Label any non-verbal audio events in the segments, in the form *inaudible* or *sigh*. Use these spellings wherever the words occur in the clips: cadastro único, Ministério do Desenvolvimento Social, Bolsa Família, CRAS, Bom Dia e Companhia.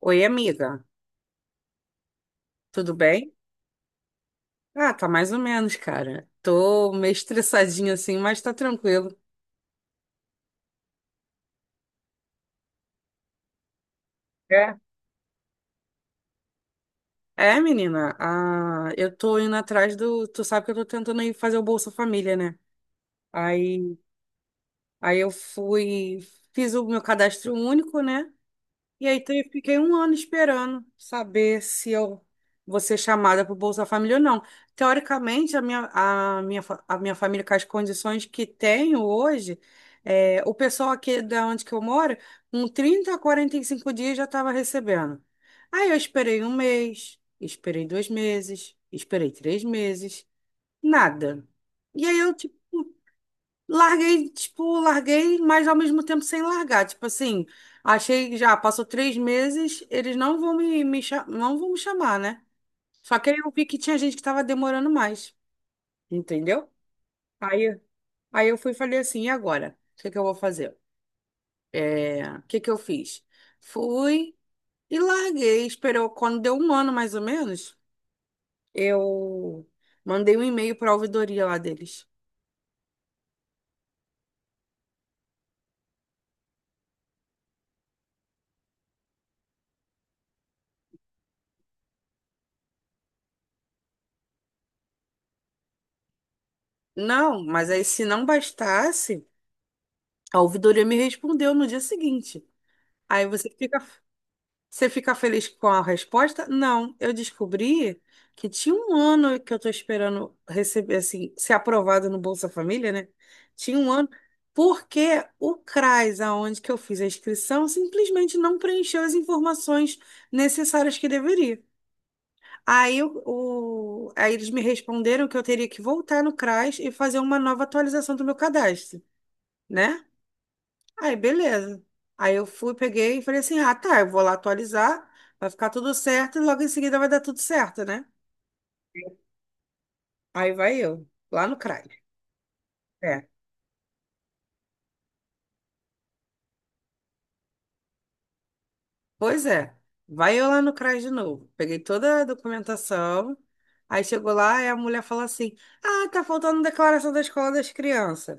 Oi, amiga, tudo bem? Ah, tá mais ou menos, cara. Tô meio estressadinha assim, mas tá tranquilo. É? É, menina, eu tô indo atrás do. Tu sabe que eu tô tentando ir fazer o Bolsa Família, né? Aí, aí eu fui, fiz o meu cadastro único, né? E aí então, eu fiquei um ano esperando saber se eu vou ser chamada para o Bolsa Família ou não. Teoricamente, a minha família, com as condições que tenho hoje, é, o pessoal aqui da onde que eu moro, com 30 a 45 dias já estava recebendo. Aí eu esperei um mês, esperei 2 meses, esperei 3 meses, nada. E aí eu, tipo, larguei, tipo, larguei, mas ao mesmo tempo sem largar. Tipo assim, achei que já passou 3 meses, eles não vão não vão me chamar, né? Só que aí eu vi que tinha gente que tava demorando mais, entendeu? Aí, aí eu fui e falei assim, e agora? O que que eu vou fazer? É, o que que eu fiz? Fui e larguei, esperou. Quando deu um ano, mais ou menos, eu mandei um e-mail para a ouvidoria lá deles. Não, mas aí se não bastasse. A ouvidoria me respondeu no dia seguinte. Aí você fica, você fica feliz com a resposta? Não, eu descobri que tinha um ano que eu estou esperando receber, assim, ser aprovado no Bolsa Família, né? Tinha um ano, porque o CRAS, aonde que eu fiz a inscrição, simplesmente não preencheu as informações necessárias que deveria. Aí, o, aí eles me responderam que eu teria que voltar no CRAS e fazer uma nova atualização do meu cadastro, né? Aí, beleza. Aí eu fui, peguei e falei assim: ah, tá, eu vou lá atualizar, vai ficar tudo certo e logo em seguida vai dar tudo certo, né? Aí vai eu, lá no CRAS. É, pois é. Vai eu lá no CRAS de novo. Peguei toda a documentação. Aí chegou lá e a mulher falou assim: ah, tá faltando declaração da escola das crianças.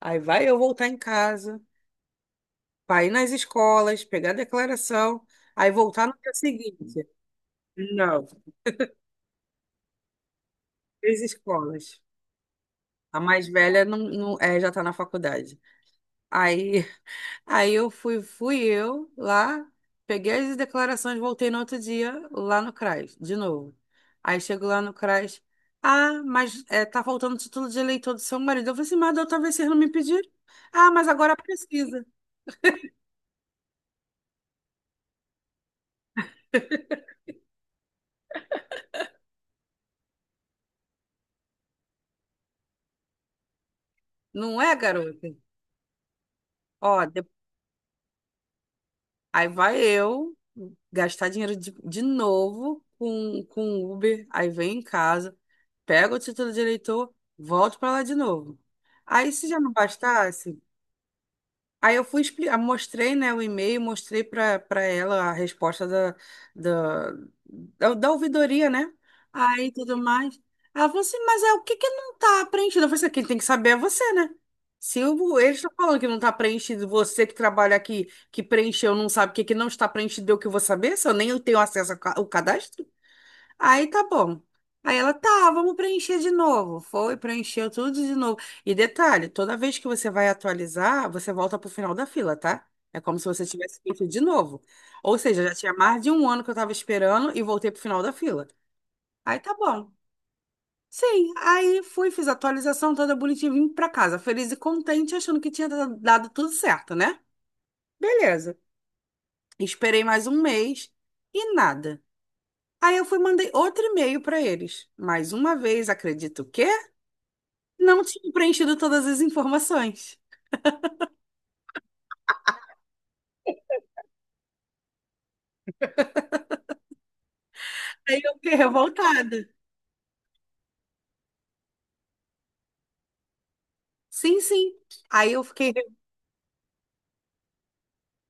Aí vai eu voltar em casa, pra ir nas escolas, pegar a declaração, aí voltar no dia seguinte. Não, três escolas. A mais velha não, é, já tá na faculdade. Aí, aí eu fui eu lá, peguei as declarações, voltei no outro dia lá no CRAS, de novo. Aí chego lá no CRAS, ah, mas é, tá faltando o título de eleitor do seu marido. Eu falei assim, mas da outra vez vocês não me pediram. Ah, mas agora precisa. Não é, garota? Ó, de- aí vai eu gastar dinheiro de novo com Uber, aí vem em casa. Pego o título de eleitor, volto para lá de novo. Aí, se já não bastasse, aí eu fui explicar, mostrei, né, o e-mail, mostrei para ela a resposta da, da ouvidoria, né? Aí tudo mais. Ela falou assim, mas é o que que não tá preenchido? Eu falei assim, quem tem que saber é você, né? Se o- Eles estão falando que não está preenchido, você que trabalha aqui, que preencheu, não sabe o que, que não está preenchido, eu que vou saber, se eu nem tenho acesso ao cadastro? Aí tá bom. Aí ela, tá, vamos preencher de novo. Foi, preencheu tudo de novo. E detalhe, toda vez que você vai atualizar, você volta pro final da fila, tá? É como se você tivesse feito de novo. Ou seja, já tinha mais de um ano que eu tava esperando e voltei pro final da fila. Aí tá bom. Sim, aí fui, fiz a atualização toda bonitinha, vim pra casa, feliz e contente, achando que tinha dado tudo certo, né? Beleza. Esperei mais um mês e nada. Aí eu fui e mandei outro e-mail para eles. Mais uma vez, acredito que não tinha preenchido todas as informações. Aí eu fiquei revoltada. Sim, sim. Aí eu fiquei,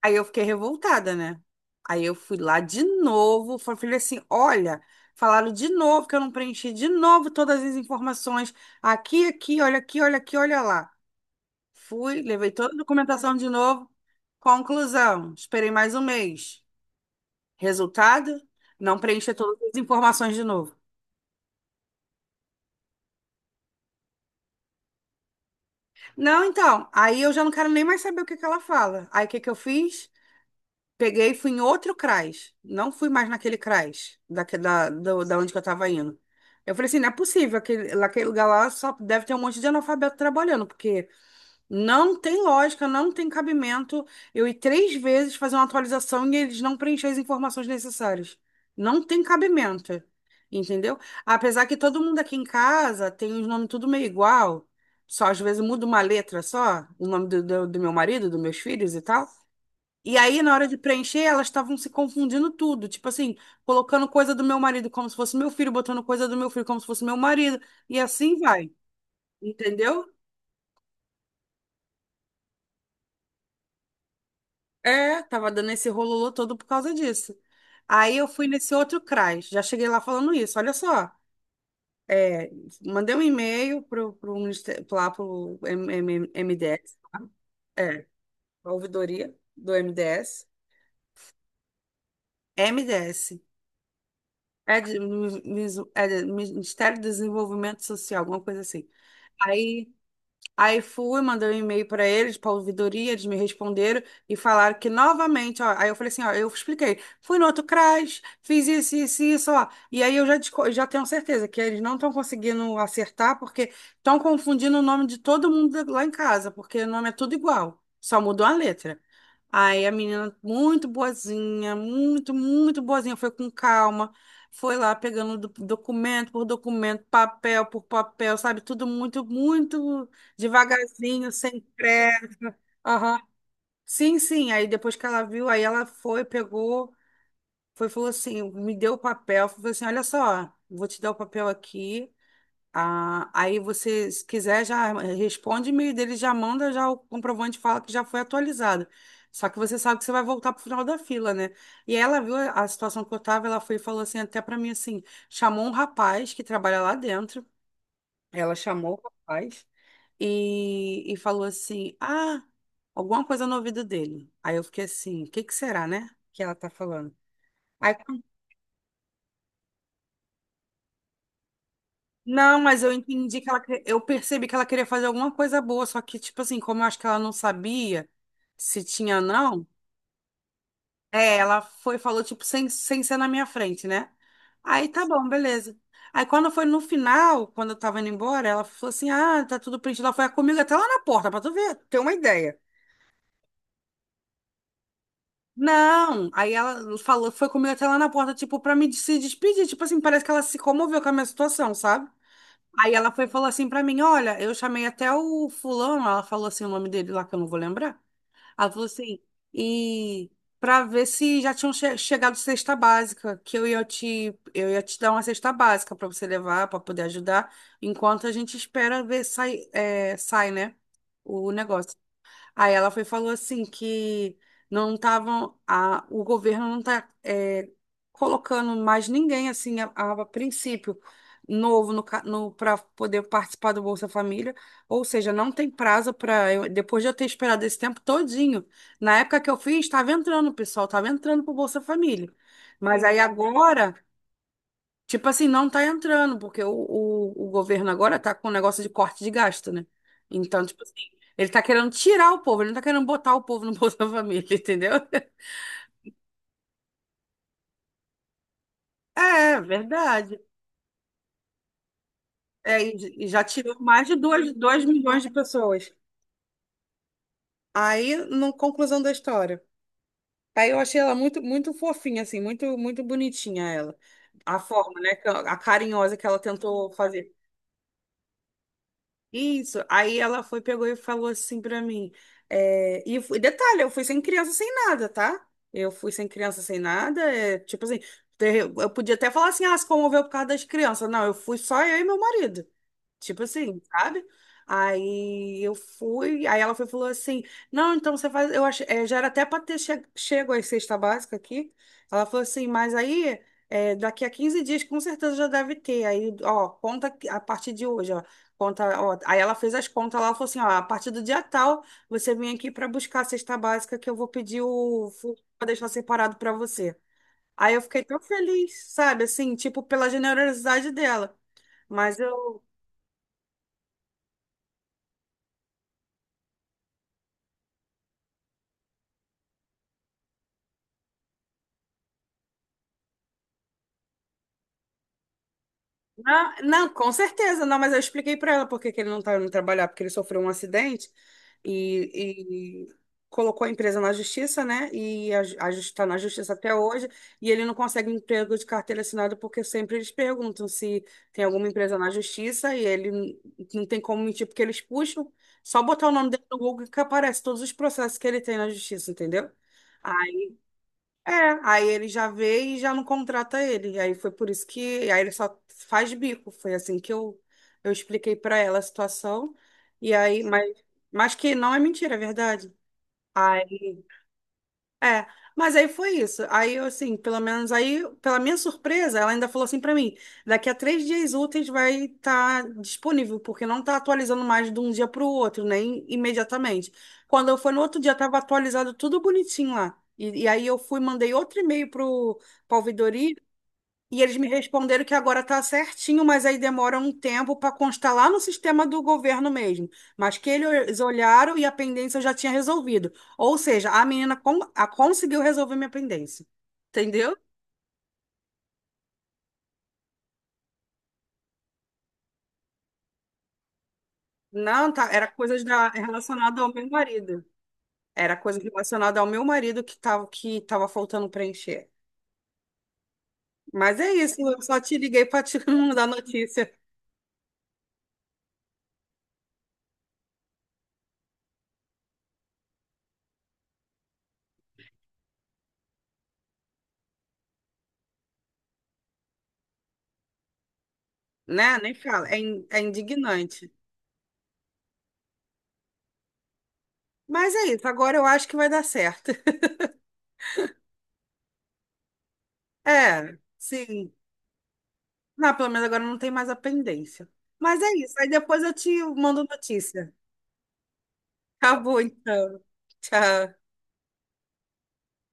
aí eu fiquei revoltada, né? Aí eu fui lá de novo, falei assim, olha, falaram de novo que eu não preenchi de novo todas as informações. Aqui, aqui, olha aqui, olha aqui, olha lá. Fui, levei toda a documentação de novo. Conclusão, esperei mais um mês. Resultado? Não preencher todas as informações de novo. Não, então, aí eu já não quero nem mais saber o que que ela fala. Aí o que que eu fiz? Peguei e fui em outro CRAS. Não fui mais naquele CRAS, onde que eu tava indo. Eu falei assim, não é possível, naquele lugar lá só deve ter um monte de analfabeto trabalhando, porque não tem lógica, não tem cabimento eu ir três vezes fazer uma atualização e eles não preencherem as informações necessárias. Não tem cabimento, entendeu? Apesar que todo mundo aqui em casa tem os nomes tudo meio igual, só às vezes muda uma letra só, o nome do meu marido, dos meus filhos e tal. E aí, na hora de preencher, elas estavam se confundindo tudo, tipo assim, colocando coisa do meu marido como se fosse meu filho, botando coisa do meu filho como se fosse meu marido, e assim vai, entendeu? É, tava dando esse rololô todo por causa disso. Aí eu fui nesse outro CRAS, já cheguei lá falando isso, olha só. É, mandei um e-mail pro, pro, ministério- lá pro M- M- MDS, tá? É, a ouvidoria do MDS. MDS, é, Ministério do Desenvolvimento Social, alguma coisa assim. Aí Aí fui, mandei um e-mail para eles, para a ouvidoria, eles me responderam e falaram que novamente, ó, aí eu falei assim, ó, eu expliquei, fui no outro CRAS, fiz isso, isso, isso, ó, e aí já tenho certeza que eles não estão conseguindo acertar porque estão confundindo o nome de todo mundo lá em casa, porque o nome é tudo igual, só mudou a letra. Aí a menina, muito boazinha, muito, muito boazinha, foi com calma, foi lá pegando documento por documento, papel por papel, sabe? Tudo muito, muito devagarzinho, sem pressa. Aham. Sim, sim. Aí depois que ela viu, aí ela foi, pegou, foi, falou assim, me deu o papel, falou assim, olha só, vou te dar o papel aqui. Ah, aí você, se quiser, já responde o e-mail dele, já manda já o comprovante, fala que já foi atualizado. Só que você sabe que você vai voltar pro final da fila, né? E ela viu a situação que eu tava, ela foi e falou assim, até pra mim assim, chamou um rapaz que trabalha lá dentro. Ela chamou o rapaz e falou assim: "Ah, alguma coisa no ouvido dele." Aí eu fiquei assim, o que que será, né? Que ela tá falando. Aí Não, mas eu entendi que ela, eu percebi que ela queria fazer alguma coisa boa, só que, tipo assim, como eu acho que ela não sabia se tinha ou não, é, ela foi, e falou, tipo, sem ser na minha frente, né? Aí tá bom, beleza. Aí quando foi no final, quando eu tava indo embora, ela falou assim: ah, tá tudo preenchido. Ela foi comigo até lá na porta, pra tu ver, ter uma ideia. Não, aí ela falou, foi comigo até lá na porta, tipo, pra me se despedir. Tipo assim, parece que ela se comoveu com a minha situação, sabe? Aí ela foi e falou assim pra mim: olha, eu chamei até o fulano, ela falou assim o nome dele lá que eu não vou lembrar. Ela falou assim: e pra ver se já tinham chegado cesta básica, que eu ia te dar uma cesta básica pra você levar, pra poder ajudar, enquanto a gente espera ver sai, é, sai, né? O negócio. Aí ela foi e falou assim que não estavam, o governo não está colocando mais ninguém assim a princípio novo no, para poder participar do Bolsa Família, ou seja, não tem prazo para depois de eu ter esperado esse tempo todinho. Na época que eu fiz, estava entrando, pessoal, estava entrando para o Bolsa Família. Mas aí agora tipo assim, não tá entrando, porque o governo agora tá com um negócio de corte de gasto, né? Então, tipo assim, ele tá querendo tirar o povo, ele não tá querendo botar o povo no *laughs* Bolsa Família, entendeu? *laughs* É, verdade. É, e já tirou mais de dois milhões de pessoas. Aí, na conclusão da história. Aí eu achei ela muito, muito fofinha, assim, muito, muito bonitinha ela. A forma, né? A carinhosa que ela tentou fazer. Isso. Aí ela foi, pegou e falou assim pra mim. É, detalhe, eu fui sem criança, sem nada, tá? Eu fui sem criança, sem nada. É, tipo assim, eu podia até falar assim, ah, se comoveu por causa das crianças. Não, eu fui só eu e meu marido. Tipo assim, sabe? Aí eu fui, aí ela foi, e falou assim: não, então você faz. Eu achei, é, já era até para ter chego à cesta básica aqui. Ela falou assim: mas aí, é, daqui a 15 dias, com certeza já deve ter. Aí, ó, conta a partir de hoje, ó. Conta, ó. Aí ela fez as contas lá, ela falou assim: ó, a partir do dia tal, você vem aqui para buscar a cesta básica que eu vou pedir o, para deixar separado para você. Aí eu fiquei tão feliz, sabe? Assim, tipo, pela generosidade dela. Mas eu Não, não, com certeza, não, mas eu expliquei para ela porque que ele não tá indo trabalhar, porque ele sofreu um acidente e colocou a empresa na justiça, né? E está na justiça até hoje, e ele não consegue emprego de carteira assinada porque sempre eles perguntam se tem alguma empresa na justiça e ele não tem como mentir porque eles puxam, só botar o nome dele no Google que aparece todos os processos que ele tem na justiça, entendeu? É, aí ele já vê e já não contrata ele. E aí foi por isso que aí ele só faz bico. Foi assim que eu expliquei pra ela a situação. E aí, mas que não é mentira, é verdade. Aí é, mas aí foi isso. Aí eu, assim, pelo menos aí, pela minha surpresa, ela ainda falou assim pra mim: daqui a 3 dias úteis vai estar disponível, porque não tá atualizando mais de um dia pro outro, nem imediatamente. Quando eu fui no outro dia, tava atualizado tudo bonitinho lá. E aí eu fui, mandei outro e-mail pro pra ouvidoria e eles me responderam que agora está certinho, mas aí demora um tempo para constar lá no sistema do governo mesmo. Mas que eles olharam e a pendência eu já tinha resolvido. Ou seja, a menina a conseguiu resolver minha pendência. Entendeu? Não, tá, era coisas relacionada ao meu marido. Era coisa relacionada ao meu marido que tava faltando preencher. Mas é isso, eu só te liguei para te *laughs* mandar notícia, né? Nem fala, é indignante. Mas é isso, agora eu acho que vai dar certo. É, sim. Não, pelo menos agora não tem mais a pendência. Mas é isso. Aí depois eu te mando notícia. Tá bom, então. Tchau.